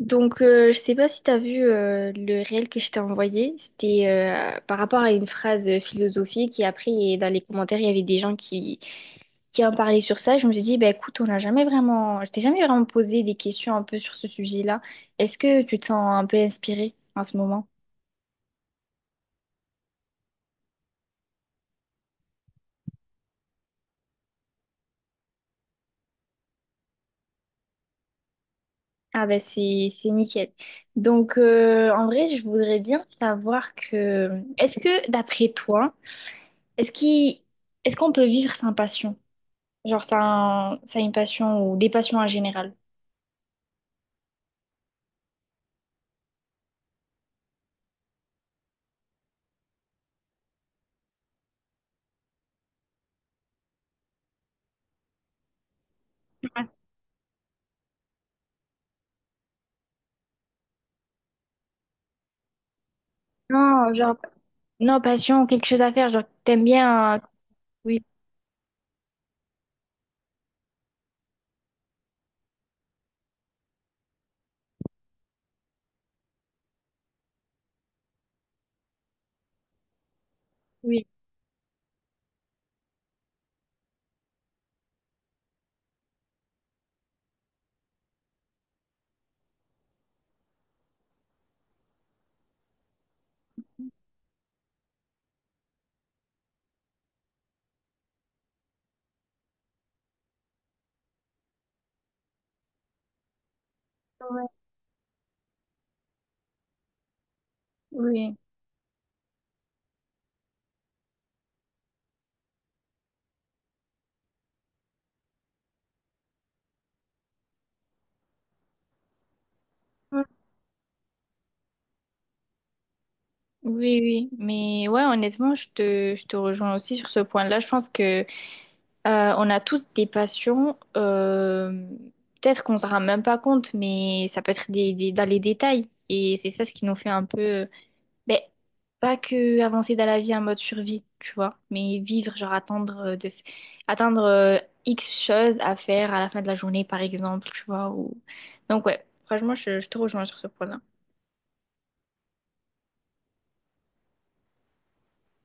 Donc, je sais pas si tu as vu le réel que je t'ai envoyé. C'était par rapport à une phrase philosophique. Et dans les commentaires, il y avait des gens qui en parlaient sur ça. Je me suis dit, bah, écoute, on n'a jamais vraiment... Je t'ai jamais vraiment posé des questions un peu sur ce sujet-là. Est-ce que tu te sens un peu inspirée en ce moment? Ah ben c'est nickel. Donc en vrai, je voudrais bien savoir que est-ce que d'après toi, est-ce qu'il est-ce qu'on peut vivre sans passion? Genre, ça a une passion ou des passions en général. Non, genre, Non, passion ou quelque chose à faire. Genre, t'aimes bien. Oui, oui, ouais, oui. Ouais. Oui, oui, mais ouais, honnêtement, je te rejoins aussi sur ce point-là. Je pense que on a tous des passions. Peut-être qu'on ne se rend même pas compte, mais ça peut être dans les détails. Et c'est ça ce qui nous fait un peu Ben, pas que avancer dans la vie en mode survie, tu vois, mais vivre, genre attendre atteindre X choses à faire à la fin de la journée, par exemple, tu vois. Ou... Donc ouais, franchement, je te rejoins sur ce point-là.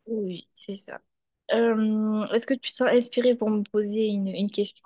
Oui, c'est ça. Est-ce que tu te sens inspirée pour me poser une question?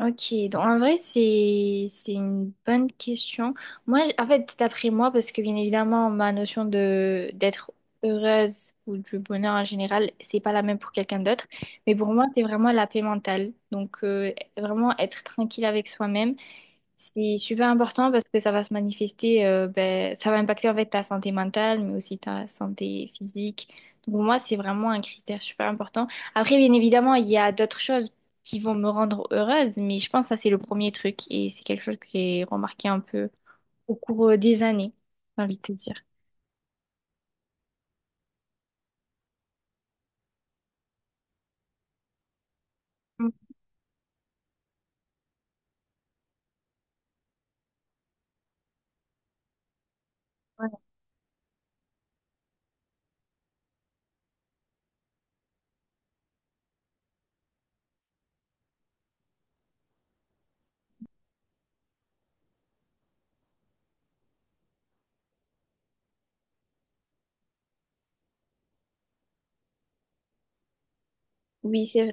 Ok, donc en vrai, c'est une bonne question. Moi, en fait, d'après moi, parce que bien évidemment, ma notion de d'être heureuse ou du bonheur en général, c'est pas la même pour quelqu'un d'autre. Mais pour moi, c'est vraiment la paix mentale. Donc, vraiment être tranquille avec soi-même c'est super important parce que ça va se manifester, ben, ça va impacter en fait ta santé mentale, mais aussi ta santé physique. Donc pour moi, c'est vraiment un critère super important. Après, bien évidemment, il y a d'autres choses qui vont me rendre heureuse, mais je pense que ça, c'est le premier truc et c'est quelque chose que j'ai remarqué un peu au cours des années, j'ai envie de te dire. Mm. Ouais. Oui, c'est vrai.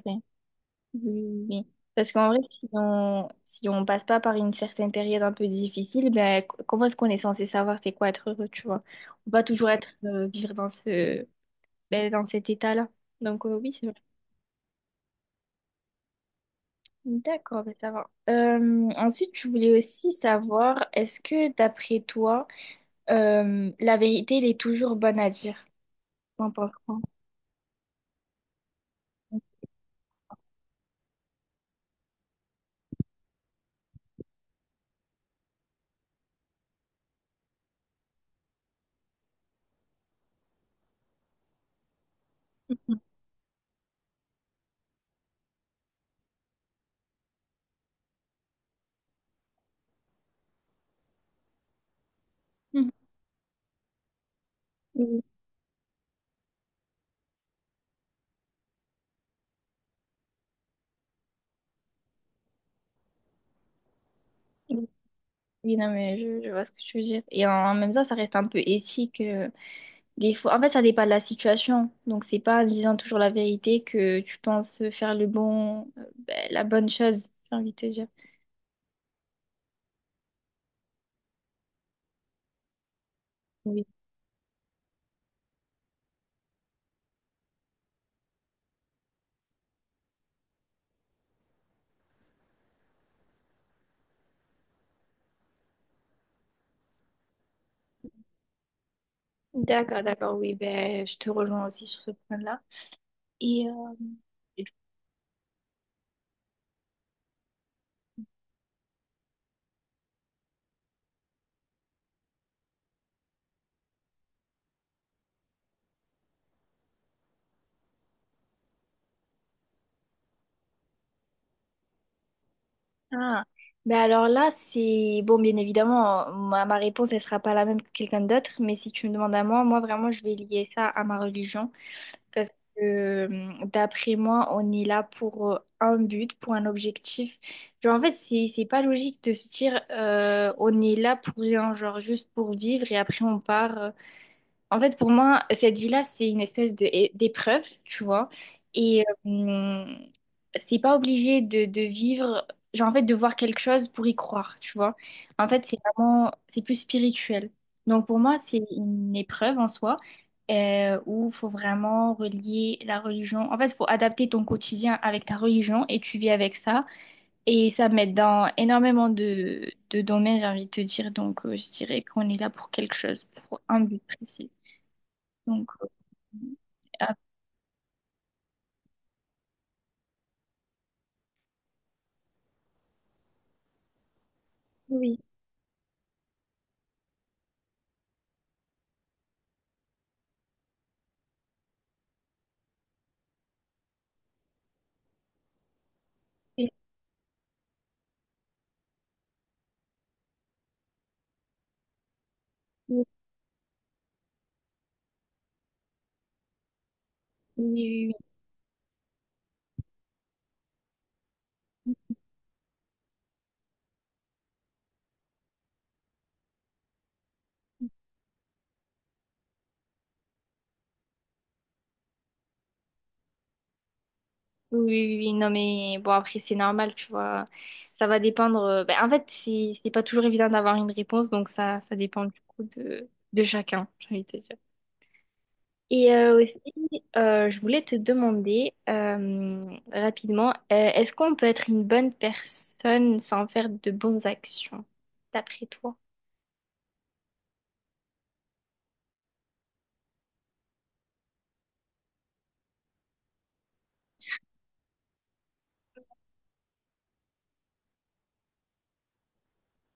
Oui, oui, oui. Parce qu'en vrai, si on passe pas par une certaine période un peu difficile, ben, comment est-ce qu'on est censé savoir c'est quoi être heureux, tu vois? On va toujours être vivre dans ce ben, dans cet état-là. Donc oui, c'est vrai. D'accord, ben, ça va. Ensuite, je voulais aussi savoir, est-ce que d'après toi, la vérité, elle est toujours bonne à dire? T'en penses quoi? Mhm. Oui, oui, oui, non, mais je vois ce que tu veux dire. Et en même temps, ça reste un peu éthique. Des fois, en fait, ça dépend de la situation. Donc, c'est pas en disant toujours la vérité que tu penses faire le bon, ben, la bonne chose, j'ai envie de te dire. Oui. D'accord, d'accord, oui, ben, je te rejoins aussi sur ce point-là. Et ah, ben alors là, c'est bon, bien évidemment, ma réponse, elle sera pas la même que quelqu'un d'autre, mais si tu me demandes à moi, moi vraiment, je vais lier ça à ma religion. Parce que d'après moi, on est là pour un but, pour un objectif. Genre, en fait, c'est pas logique de se dire on est là pour rien, genre juste pour vivre et après on part. En fait, pour moi, cette vie-là, c'est une espèce d'épreuve, tu vois. Et c'est pas obligé de vivre, genre en fait, de voir quelque chose pour y croire, tu vois. En fait, c'est vraiment, c'est plus spirituel. Donc pour moi, c'est une épreuve en soi où il faut vraiment relier la religion. En fait, il faut adapter ton quotidien avec ta religion et tu vis avec ça. Et ça m'aide dans énormément de domaines, j'ai envie de te dire. Donc je dirais qu'on est là pour quelque chose, pour un but précis. Donc, ah, oui. Oui, oui, oui, oui, oui, oui, non, mais bon, après, c'est normal, tu vois. Ça va dépendre. Ben, en fait, c'est pas toujours évident d'avoir une réponse, donc ça dépend du coup de chacun, j'ai envie de te dire. Et aussi, je voulais te demander rapidement, est-ce qu'on peut être une bonne personne sans faire de bonnes actions, d'après toi?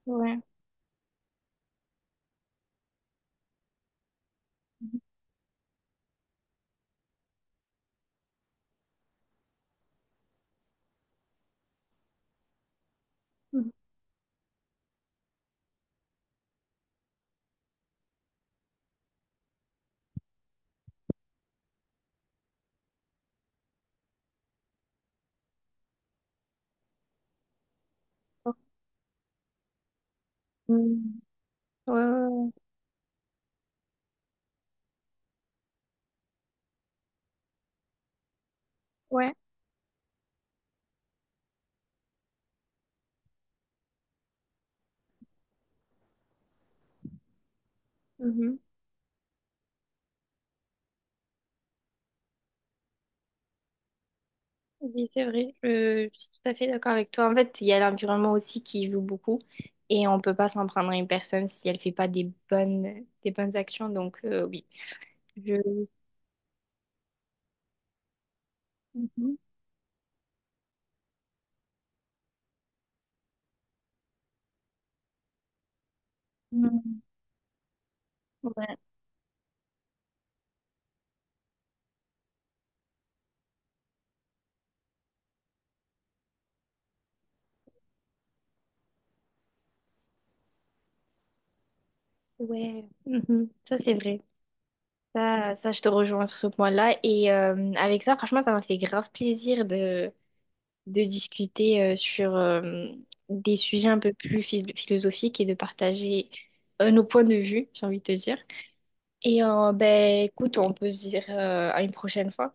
Ouais. Mhm. Mhm. Ouais, ouais, ouais. Ouais. Oui, c'est vrai, je suis tout à fait d'accord avec toi. En fait, il y a l'environnement aussi qui joue beaucoup et on peut pas s'en prendre à une personne si elle fait pas des bonnes actions. Donc, oui, je... Mhm. Mhm. Ouais, ouais. Mhm. Ça, c'est vrai. Ça, je te rejoins sur ce point-là. Et avec ça, franchement, ça m'a fait grave plaisir de discuter sur des sujets un peu plus philosophiques et de partager nos points de vue, j'ai envie de te dire. Et ben, écoute, on peut se dire à une prochaine fois.